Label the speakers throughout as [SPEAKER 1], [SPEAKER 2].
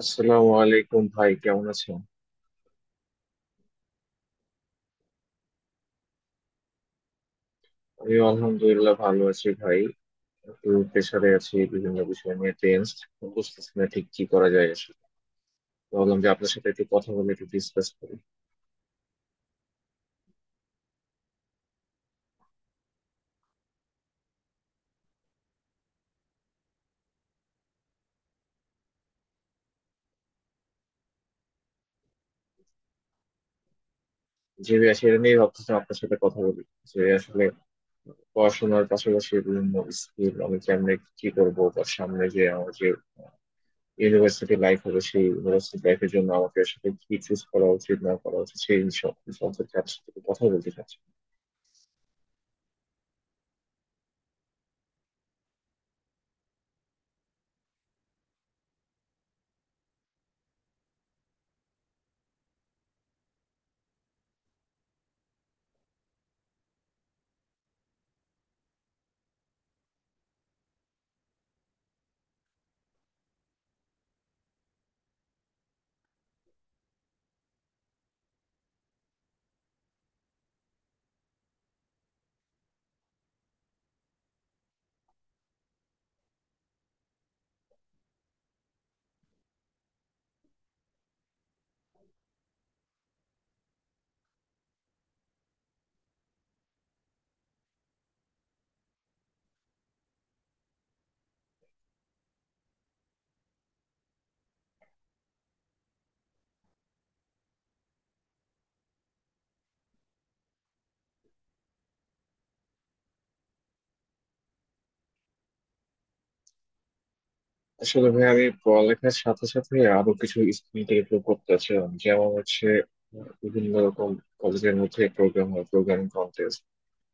[SPEAKER 1] আসসালামু আলাইকুম ভাই, কেমন আছেন? আমি আলহামদুলিল্লাহ ভালো আছি ভাই। একটু প্রেশারে আছি, বিভিন্ন বিষয় নিয়ে টেনসড। বুঝতেছি না ঠিক কি করা যায় আসলে। ভাবলাম যে আপনার সাথে একটু কথা বলে একটু ডিসকাস করি। যে বিষয় সেটা নিয়ে ভাবতেছি আপনার সাথে কথা বলি, যে আসলে পড়াশোনার পাশাপাশি বিভিন্ন স্কিল আমি কেমনে কি করবো, বা সামনে যে আমার যে ইউনিভার্সিটি লাইফ হবে সেই ইউনিভার্সিটি লাইফের জন্য আমাকে আসলে কি চুজ করা উচিত না করা উচিত সেই সব সম্পর্কে আপনার সাথে একটু কথা বলতে চাচ্ছি। আসলে ভাই, আমি পড়ালেখার সাথে সাথে আরো কিছু স্কিল ডেভেলপ করতে চাচ্ছিলাম, যেমন হচ্ছে বিভিন্ন রকম কলেজের মধ্যে প্রোগ্রাম হয়, প্রোগ্রামিং কন্টেস্ট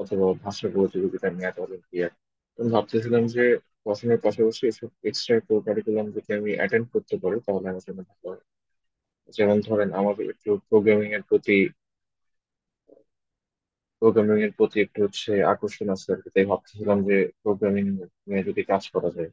[SPEAKER 1] অথবা ভাষা প্রতিযোগিতা, ম্যাথ অলিম্পিয়াড। তো ভাবতেছিলাম যে পড়াশোনার পাশাপাশি এসব এক্সট্রা কো কারিকুলাম যদি আমি অ্যাটেন্ড করতে পারি তাহলে আমার জন্য ভালো হয়। যেমন ধরেন আমার একটু প্রোগ্রামিং এর প্রতি একটু হচ্ছে আকর্ষণ আছে আর কি। তাই ভাবতেছিলাম যে প্রোগ্রামিং নিয়ে যদি কাজ করা যায়।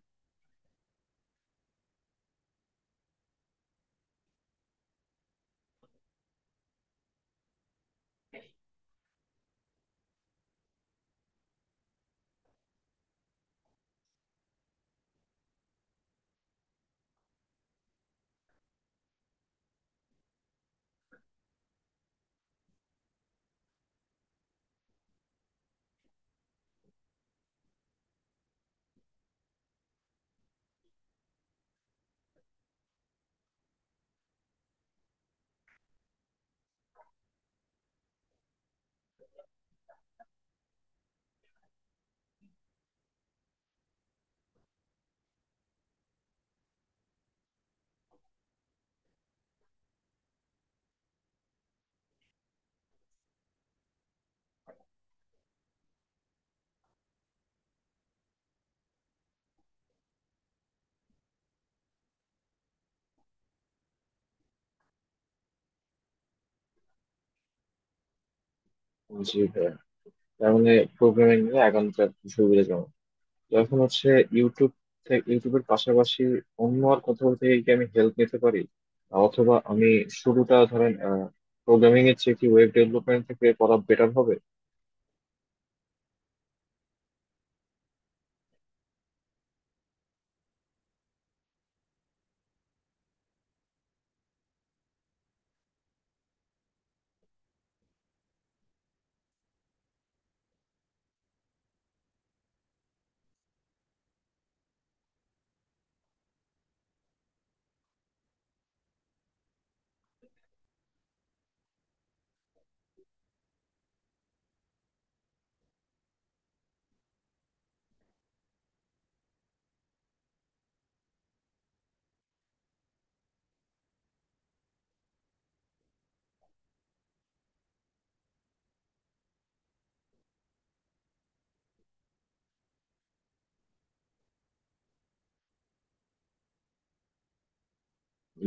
[SPEAKER 1] জি ভাই। তার মানে প্রোগ্রামিং নিয়ে এখনকার সুবিধাজনক, যখন হচ্ছে ইউটিউব থেকে, ইউটিউবের পাশাপাশি অন্য আর কোথাও থেকে কি আমি হেল্প নিতে পারি? অথবা আমি শুরুটা ধরেন প্রোগ্রামিং এর চেয়ে কি ওয়েব ডেভেলপমেন্ট থেকে করা বেটার হবে?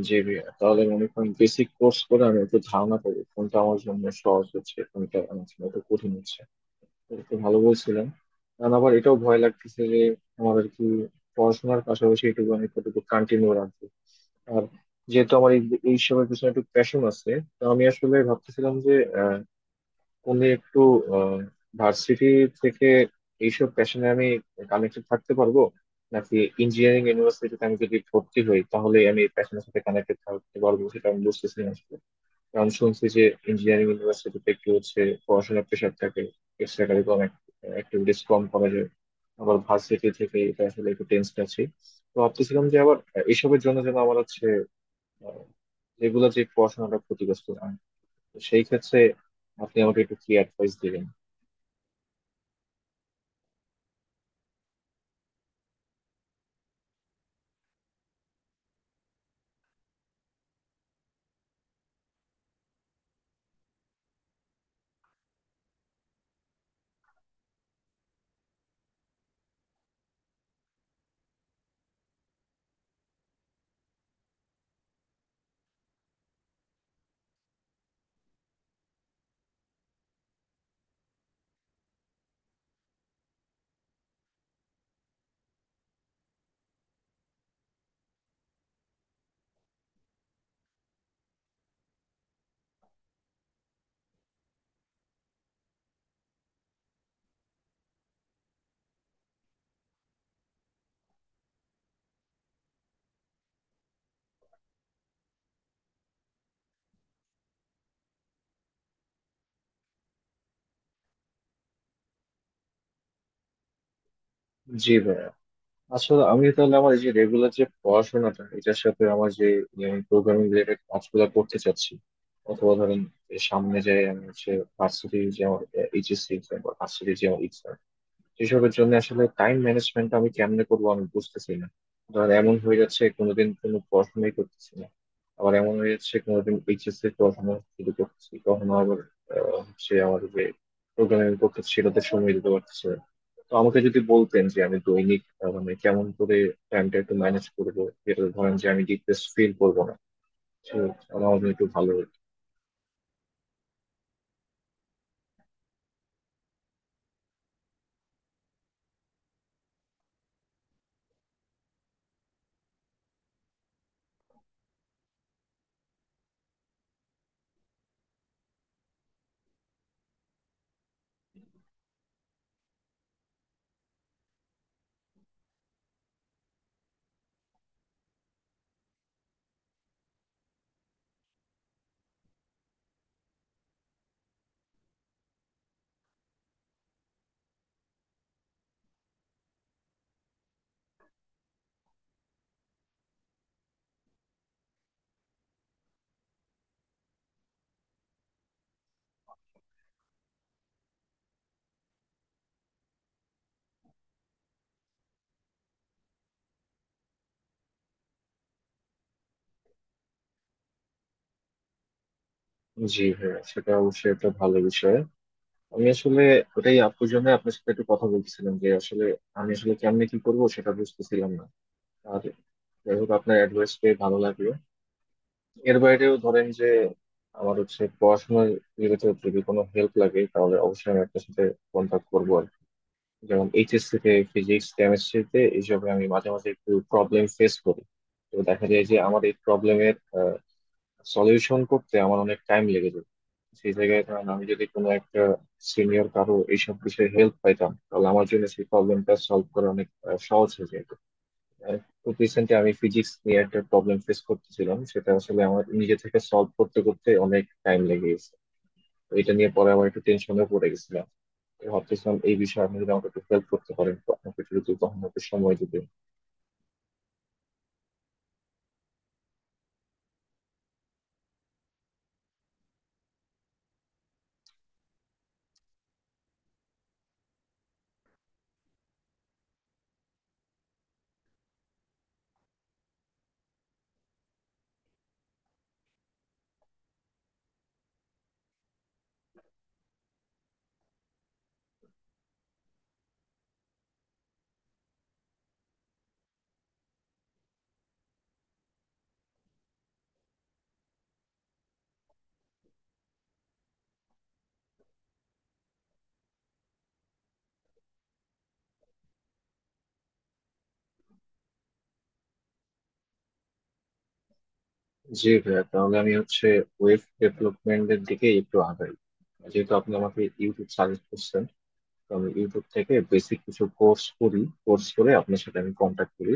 [SPEAKER 1] যে তাহলে মনে করেন বেসিক কোর্স করে আমি একটু ধারণা পাবো কোনটা আমার জন্য সহজ হচ্ছে কোনটা আমার জন্য একটু কঠিন হচ্ছে। এটা তো ভালো বলছিলেন। আর আবার এটাও ভয় লাগতেছে যে আমার আর কি পড়াশোনার পাশাপাশি এটুকু আমি কতটুকু কন্টিনিউ রাখবো। আর যেহেতু আমার এই এইসবের পিছনে একটু প্যাশন আছে, তো আমি আসলে ভাবতেছিলাম যে উনি একটু ভার্সিটি থেকে এইসব প্যাশনে আমি কানেক্টেড থাকতে পারবো, নাকি ইঞ্জিনিয়ারিং ইউনিভার্সিটিতে আমি যদি ভর্তি হই তাহলে আমি এই প্যাশনের সাথে কানেক্টেড থাকতে পারবো সেটা আমি বুঝতেছি না আসলে। কারণ শুনছি যে ইঞ্জিনিয়ারিং ইউনিভার্সিটিতে একটু হচ্ছে পড়াশোনার প্রেশার থাকে, এক্সট্রা কারিকুলাম অ্যাক্টিভিটিস কম করা যায়। আবার ভার্সিটি থেকে এটা আসলে একটু টেন্সড আছি। তো ভাবতেছিলাম যে আবার এসবের জন্য যেন আমার হচ্ছে আহ, এগুলো যে পড়াশোনাটা ক্ষতিগ্রস্ত না হয়। তো সেই ক্ষেত্রে আপনি আমাকে একটু কি অ্যাডভাইস দিবেন? জি ভাইয়া। আসলে আমি তাহলে আমার এই যে রেগুলার যে পড়াশোনাটা এটার সাথে আমার যে প্রোগ্রামিং রিলেটেড কাজগুলো করতে চাচ্ছি, অথবা ধরেন এই সামনে যে আমি হচ্ছে ভার্সিটি যে আমার এইচএসসি এক্সাম বা ভার্সিটি যে আমার exam, এসবের জন্য আসলে টাইম ম্যানেজমেন্ট আমি কেমনে করবো আমি বুঝতেছি না। ধর এমন হয়ে যাচ্ছে কোনোদিন কোনো পড়াশোনাই করতেছি না, আবার এমন হয়ে যাচ্ছে কোনোদিন এইচএসসি পড়াশোনা শুরু করতেছি, কখনো আবার হচ্ছে আমার যে প্রোগ্রামিং করতেছি সেটাতে সময় দিতে পারতেছে না। তো আমাকে যদি বলতেন যে আমি দৈনিক মানে কেমন করে টাইমটা একটু ম্যানেজ করবো, যেটা ধরেন যে আমি ডিপ্রেস ফিল করবো না, সে আমার জন্য একটু ভালো হতো। জি হ্যাঁ, সেটা অবশ্যই একটা ভালো বিষয়। আমি আসলে ওটাই আপুর জন্য আপনার সাথে একটু কথা বলতেছিলাম যে আসলে আমি আসলে কেমনে কি করব সেটা বুঝতেছিলাম না। আর যাই হোক, আপনার অ্যাডভাইস পেয়ে ভালো লাগলো। এর বাইরেও ধরেন যে আমার হচ্ছে পড়াশোনার রিলেটেড যদি কোনো হেল্প লাগে তাহলে অবশ্যই আমি আপনার সাথে কন্ট্যাক্ট করবো আর কি। যেমন এইচএসসি তে ফিজিক্স কেমিস্ট্রিতে এইসবে আমি মাঝে মাঝে একটু প্রবলেম ফেস করি। তো দেখা যায় যে আমার এই প্রবলেমের সলিউশন করতে আমার অনেক টাইম লেগে যেত। সেই জায়গায় ধরেন আমি যদি কোনো একটা সিনিয়র কারো এইসব বিষয়ে হেল্প পাইতাম তাহলে আমার জন্য সেই প্রবলেমটা সলভ করা অনেক সহজ হয়ে যেত। খুব রিসেন্টলি আমি ফিজিক্স নিয়ে একটা প্রবলেম ফেস করতেছিলাম, সেটা আসলে আমার নিজে থেকে সলভ করতে করতে অনেক টাইম লেগে গেছে। তো এটা নিয়ে পরে আমার একটু টেনশনে পড়ে গেছিলাম। তো ভাবতেছিলাম এই বিষয়ে আপনি যদি আমাকে একটু হেল্প করতে পারেন, তো আমাকে একটু যদি কখনো একটু সময় দিতে। জি ভাইয়া, তাহলে আমি হচ্ছে ওয়েব ডেভেলপমেন্টের দিকে একটু আগাই। যেহেতু আপনি আমাকে ইউটিউব সাজেস্ট করছেন, তো আমি ইউটিউব থেকে বেসিক কিছু কোর্স করি, কোর্স করে আপনার সাথে আমি কন্ট্যাক্ট করি।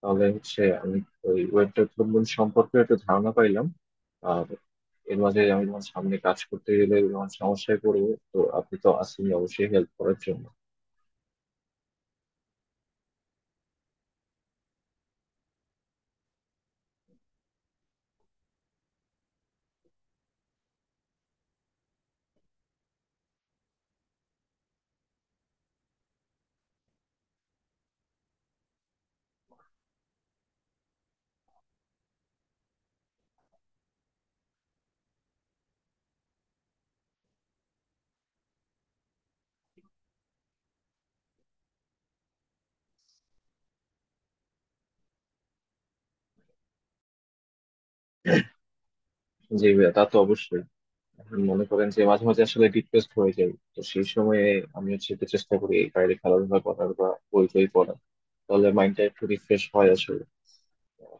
[SPEAKER 1] তাহলে হচ্ছে আমি ওই ওয়েব ডেভেলপমেন্ট সম্পর্কে একটা ধারণা পাইলাম। আর এর মাঝে আমি যখন সামনে কাজ করতে গেলে যখন সমস্যায় পড়বো, তো আপনি তো আছেন অবশ্যই হেল্প করার জন্য। জি ভাইয়া, তা তো অবশ্যই। এখন মনে করেন যে মাঝে মাঝে আসলে ডিপ্রেসড হয়ে যাই, তো সেই সময়ে আমি হচ্ছে একটু চেষ্টা করি এই বাইরে খেলাধুলা করার বা বই টই পড়ার, তাহলে মাইন্ডটা একটু রিফ্রেশ হয় আসলে। আহ,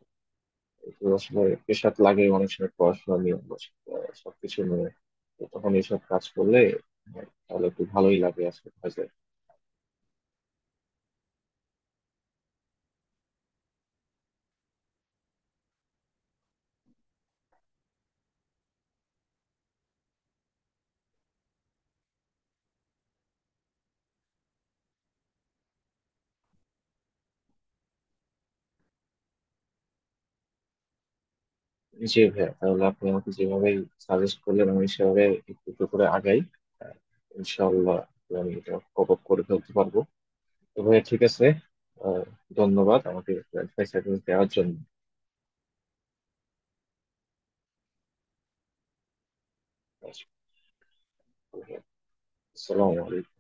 [SPEAKER 1] একটু আসলে প্রেশার লাগে অনেক সময় পড়াশোনা নিয়ে বা সবকিছু নিয়ে। তো তখন এইসব কাজ করলে আহ, তাহলে একটু ভালোই লাগে আসলে কাজে। জি ভাইয়া, তাহলে আপনি আমাকে যেভাবে সাজেস্ট করলেন আমি সেভাবে একটু একটু করে আগাই। আহ, ইনশাআল্লাহ আমি এটা কপ আপ করে ফেলতে পারবো। তো ভাইয়া ঠিক আছে, আহ, ধন্যবাদ আমাকে অ্যাডভাইস দেওয়ার জন্য। আসসালামু আলাইকুম।